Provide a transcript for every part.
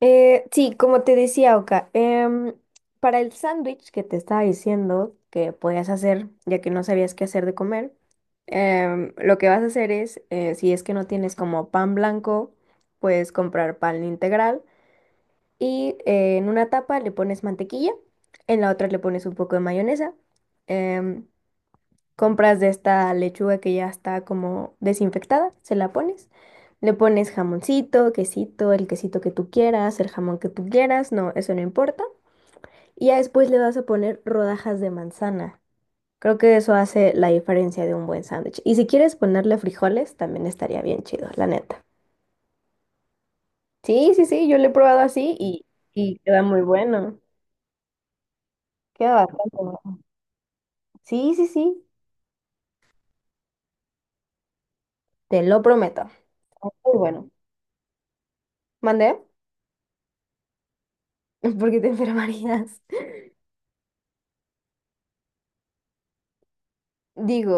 Sí, como te decía, Oka, para el sándwich que te estaba diciendo que podías hacer, ya que no sabías qué hacer de comer, lo que vas a hacer es, si es que no tienes como pan blanco, puedes comprar pan integral y en una tapa le pones mantequilla, en la otra le pones un poco de mayonesa. em, Compras de esta lechuga que ya está como desinfectada, se la pones. Le pones jamoncito, quesito, el quesito que tú quieras, el jamón que tú quieras, no, eso no importa. Y ya después le vas a poner rodajas de manzana. Creo que eso hace la diferencia de un buen sándwich. Y si quieres ponerle frijoles, también estaría bien chido, la neta. Sí, sí, sí, yo lo he probado así y queda muy bueno. Queda bastante bueno. Sí, sí, sí, te lo prometo. Está muy bueno. ¿Mandé? ¿Por qué te enfermarías? Digo,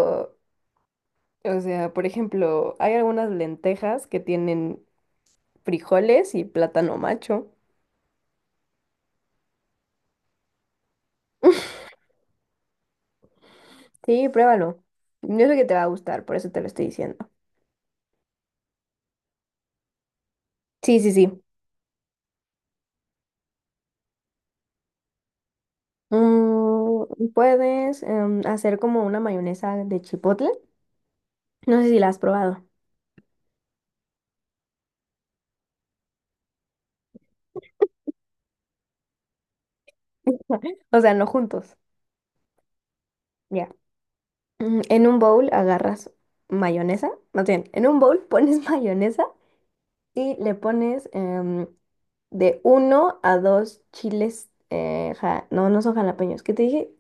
o sea, por ejemplo, hay algunas lentejas que tienen frijoles y plátano macho. Sí, pruébalo. Yo sé que te va a gustar, por eso te lo estoy diciendo. Sí, sí, sí. Mm, puedes hacer como una mayonesa de chipotle. No sé si la has probado. O sea, no juntos. Ya. Mm, en un bowl agarras mayonesa. Más bien, en un bowl pones mayonesa y le pones de uno a dos chiles, no, no son jalapeños, ¿qué te dije?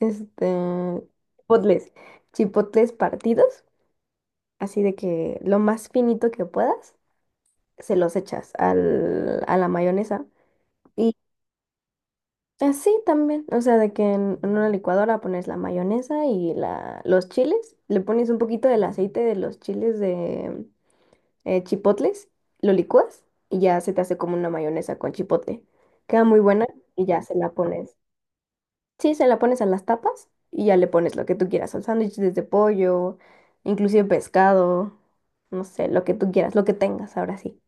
Este, chipotles, chipotles partidos, así de que lo más finito que puedas, se los echas al, a la mayonesa. Y así también, o sea, de que en una licuadora pones la mayonesa y los chiles, le pones un poquito del aceite de los chiles de chipotles, lo licúas y ya se te hace como una mayonesa con chipotle. Queda muy buena y ya se la pones. Sí, se la pones a las tapas y ya le pones lo que tú quieras, al sándwich desde pollo, inclusive pescado, no sé, lo que tú quieras, lo que tengas, ahora sí.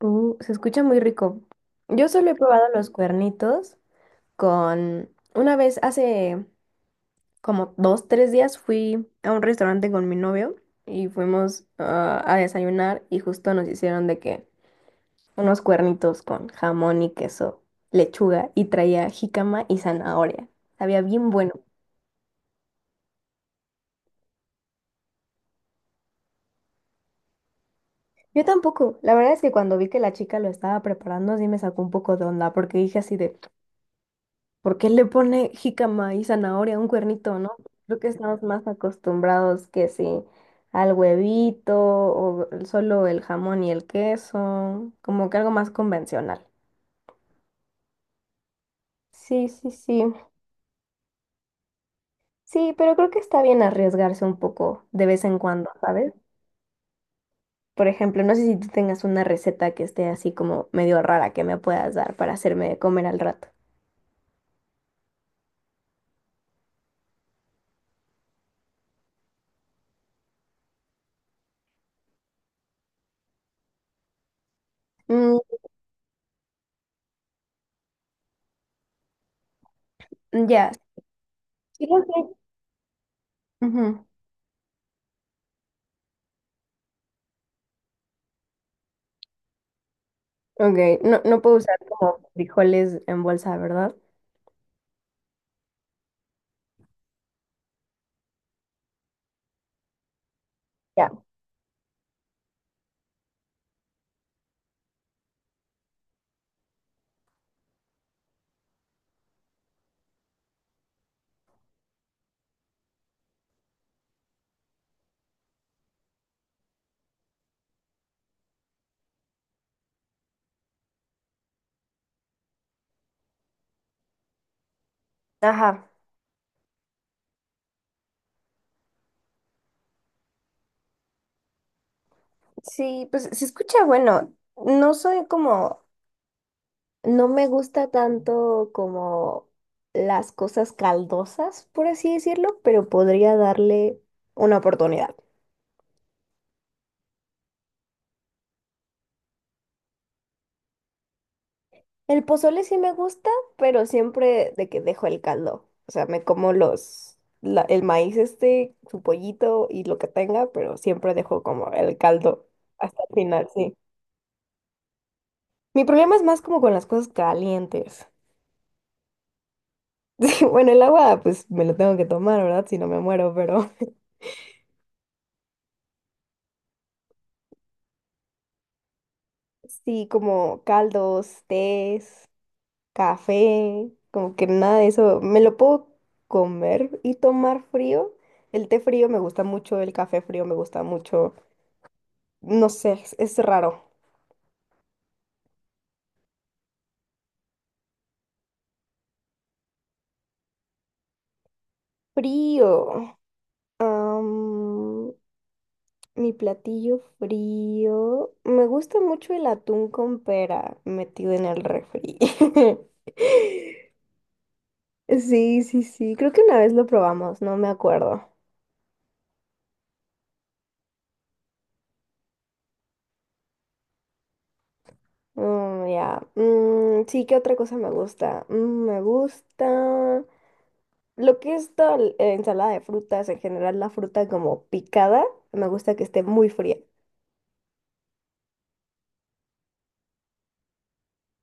Se escucha muy rico. Yo solo he probado los cuernitos con... Una vez, hace como dos, tres días, fui a un restaurante con mi novio y fuimos a desayunar y justo nos hicieron de que unos cuernitos con jamón y queso, lechuga y traía jícama y zanahoria. Sabía bien bueno. Yo tampoco. La verdad es que cuando vi que la chica lo estaba preparando, sí me sacó un poco de onda, porque dije así de, ¿por qué le pone jícama y zanahoria a un cuernito, no? Creo que estamos más acostumbrados que sí al huevito o solo el jamón y el queso, como que algo más convencional. Sí, sí, sí. Sí, pero creo que está bien arriesgarse un poco de vez en cuando, ¿sabes? Por ejemplo, no sé si tú tengas una receta que esté así como medio rara que me puedas dar para hacerme comer al rato. Mm, ya. Sí, lo sé. Ujú. Ok, no, no puedo usar como frijoles en bolsa, ¿verdad? Ya. Ajá. Sí, pues se escucha bueno. No soy como, no me gusta tanto como las cosas caldosas, por así decirlo, pero podría darle una oportunidad. El pozole sí me gusta, pero siempre de que dejo el caldo. O sea, me como el maíz este, su pollito y lo que tenga, pero siempre dejo como el caldo hasta el final, sí. Mi problema es más como con las cosas calientes. Sí, bueno, el agua, pues me lo tengo que tomar, ¿verdad? Si no me muero, pero sí, como caldos, tés, café, como que nada de eso. Me lo puedo comer y tomar frío. El té frío me gusta mucho, el café frío me gusta mucho. No sé, es raro. Frío. Mi platillo frío. Me gusta mucho el atún con pera metido en el refri. Sí, sí, sí. Creo que una vez lo probamos, no me acuerdo. Mm, ya. Mm, sí, ¿qué otra cosa me gusta? Mm, me gusta lo que es toda la ensalada de frutas, en general la fruta como picada, me gusta que esté muy fría.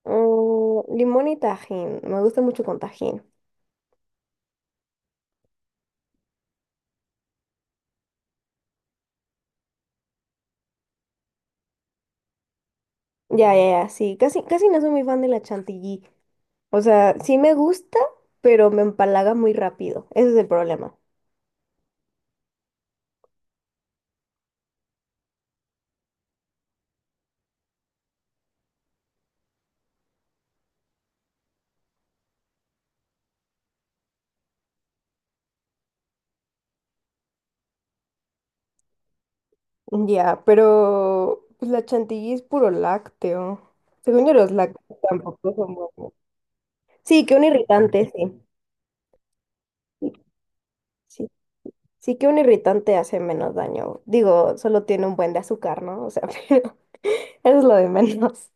Mm, limón y tajín, me gusta mucho con tajín. Ya, ya, ya, sí. Casi, casi no soy muy fan de la chantilly. O sea, sí me gusta, pero me empalaga muy rápido. Ese es el problema. Ya, pero pues, la chantilly es puro lácteo. Según yo, los lácteos tampoco son buenos. Sí, que un irritante, sí. Sí, sí, sí que un irritante hace menos daño. Digo, solo tiene un buen de azúcar, ¿no? O sea, pero eso es lo de menos.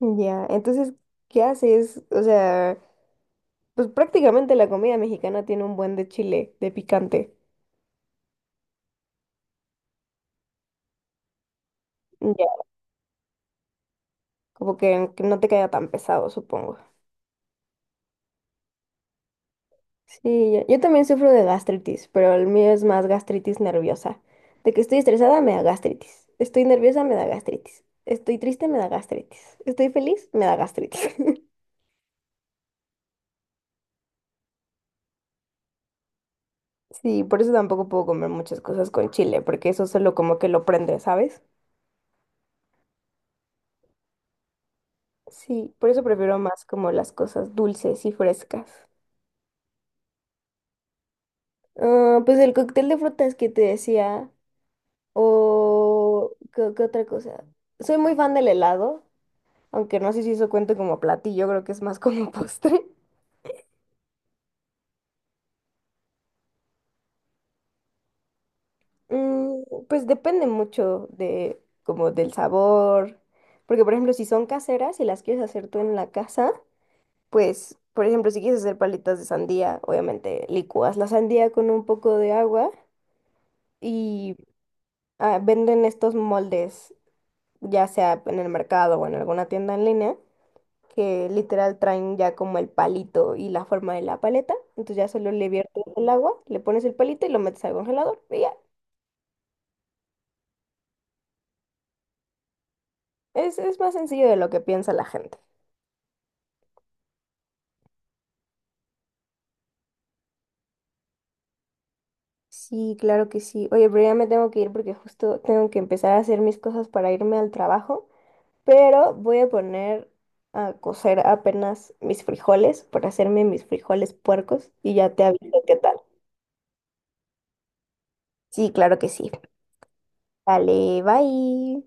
Ya, entonces, ¿qué haces? O sea, pues prácticamente la comida mexicana tiene un buen de chile, de picante. Ya, como que no te caiga tan pesado, supongo. Sí, yo también sufro de gastritis, pero el mío es más gastritis nerviosa. De que estoy estresada me da gastritis. Estoy nerviosa me da gastritis. Estoy triste me da gastritis. Estoy feliz me da gastritis. Sí, por eso tampoco puedo comer muchas cosas con chile, porque eso solo como que lo prende, ¿sabes? Sí, por eso prefiero más como las cosas dulces y frescas. Ah, pues el cóctel de frutas que te decía, o ¿qué, qué otra cosa? Soy muy fan del helado, aunque no sé si eso cuenta como platillo, creo que es más como postre. Mm, pues depende mucho de como del sabor. Porque, por ejemplo, si son caseras y las quieres hacer tú en la casa, pues, por ejemplo, si quieres hacer palitas de sandía, obviamente licúas la sandía con un poco de agua y venden estos moldes, ya sea en el mercado o en alguna tienda en línea, que literal traen ya como el palito y la forma de la paleta. Entonces ya solo le viertes el agua, le pones el palito y lo metes al congelador. Y ya, es más sencillo de lo que piensa la gente. Sí, claro que sí. Oye, pero ya me tengo que ir porque justo tengo que empezar a hacer mis cosas para irme al trabajo. Pero voy a poner a cocer apenas mis frijoles para hacerme mis frijoles puercos y ya te aviso qué tal. Sí, claro que sí. Vale, bye.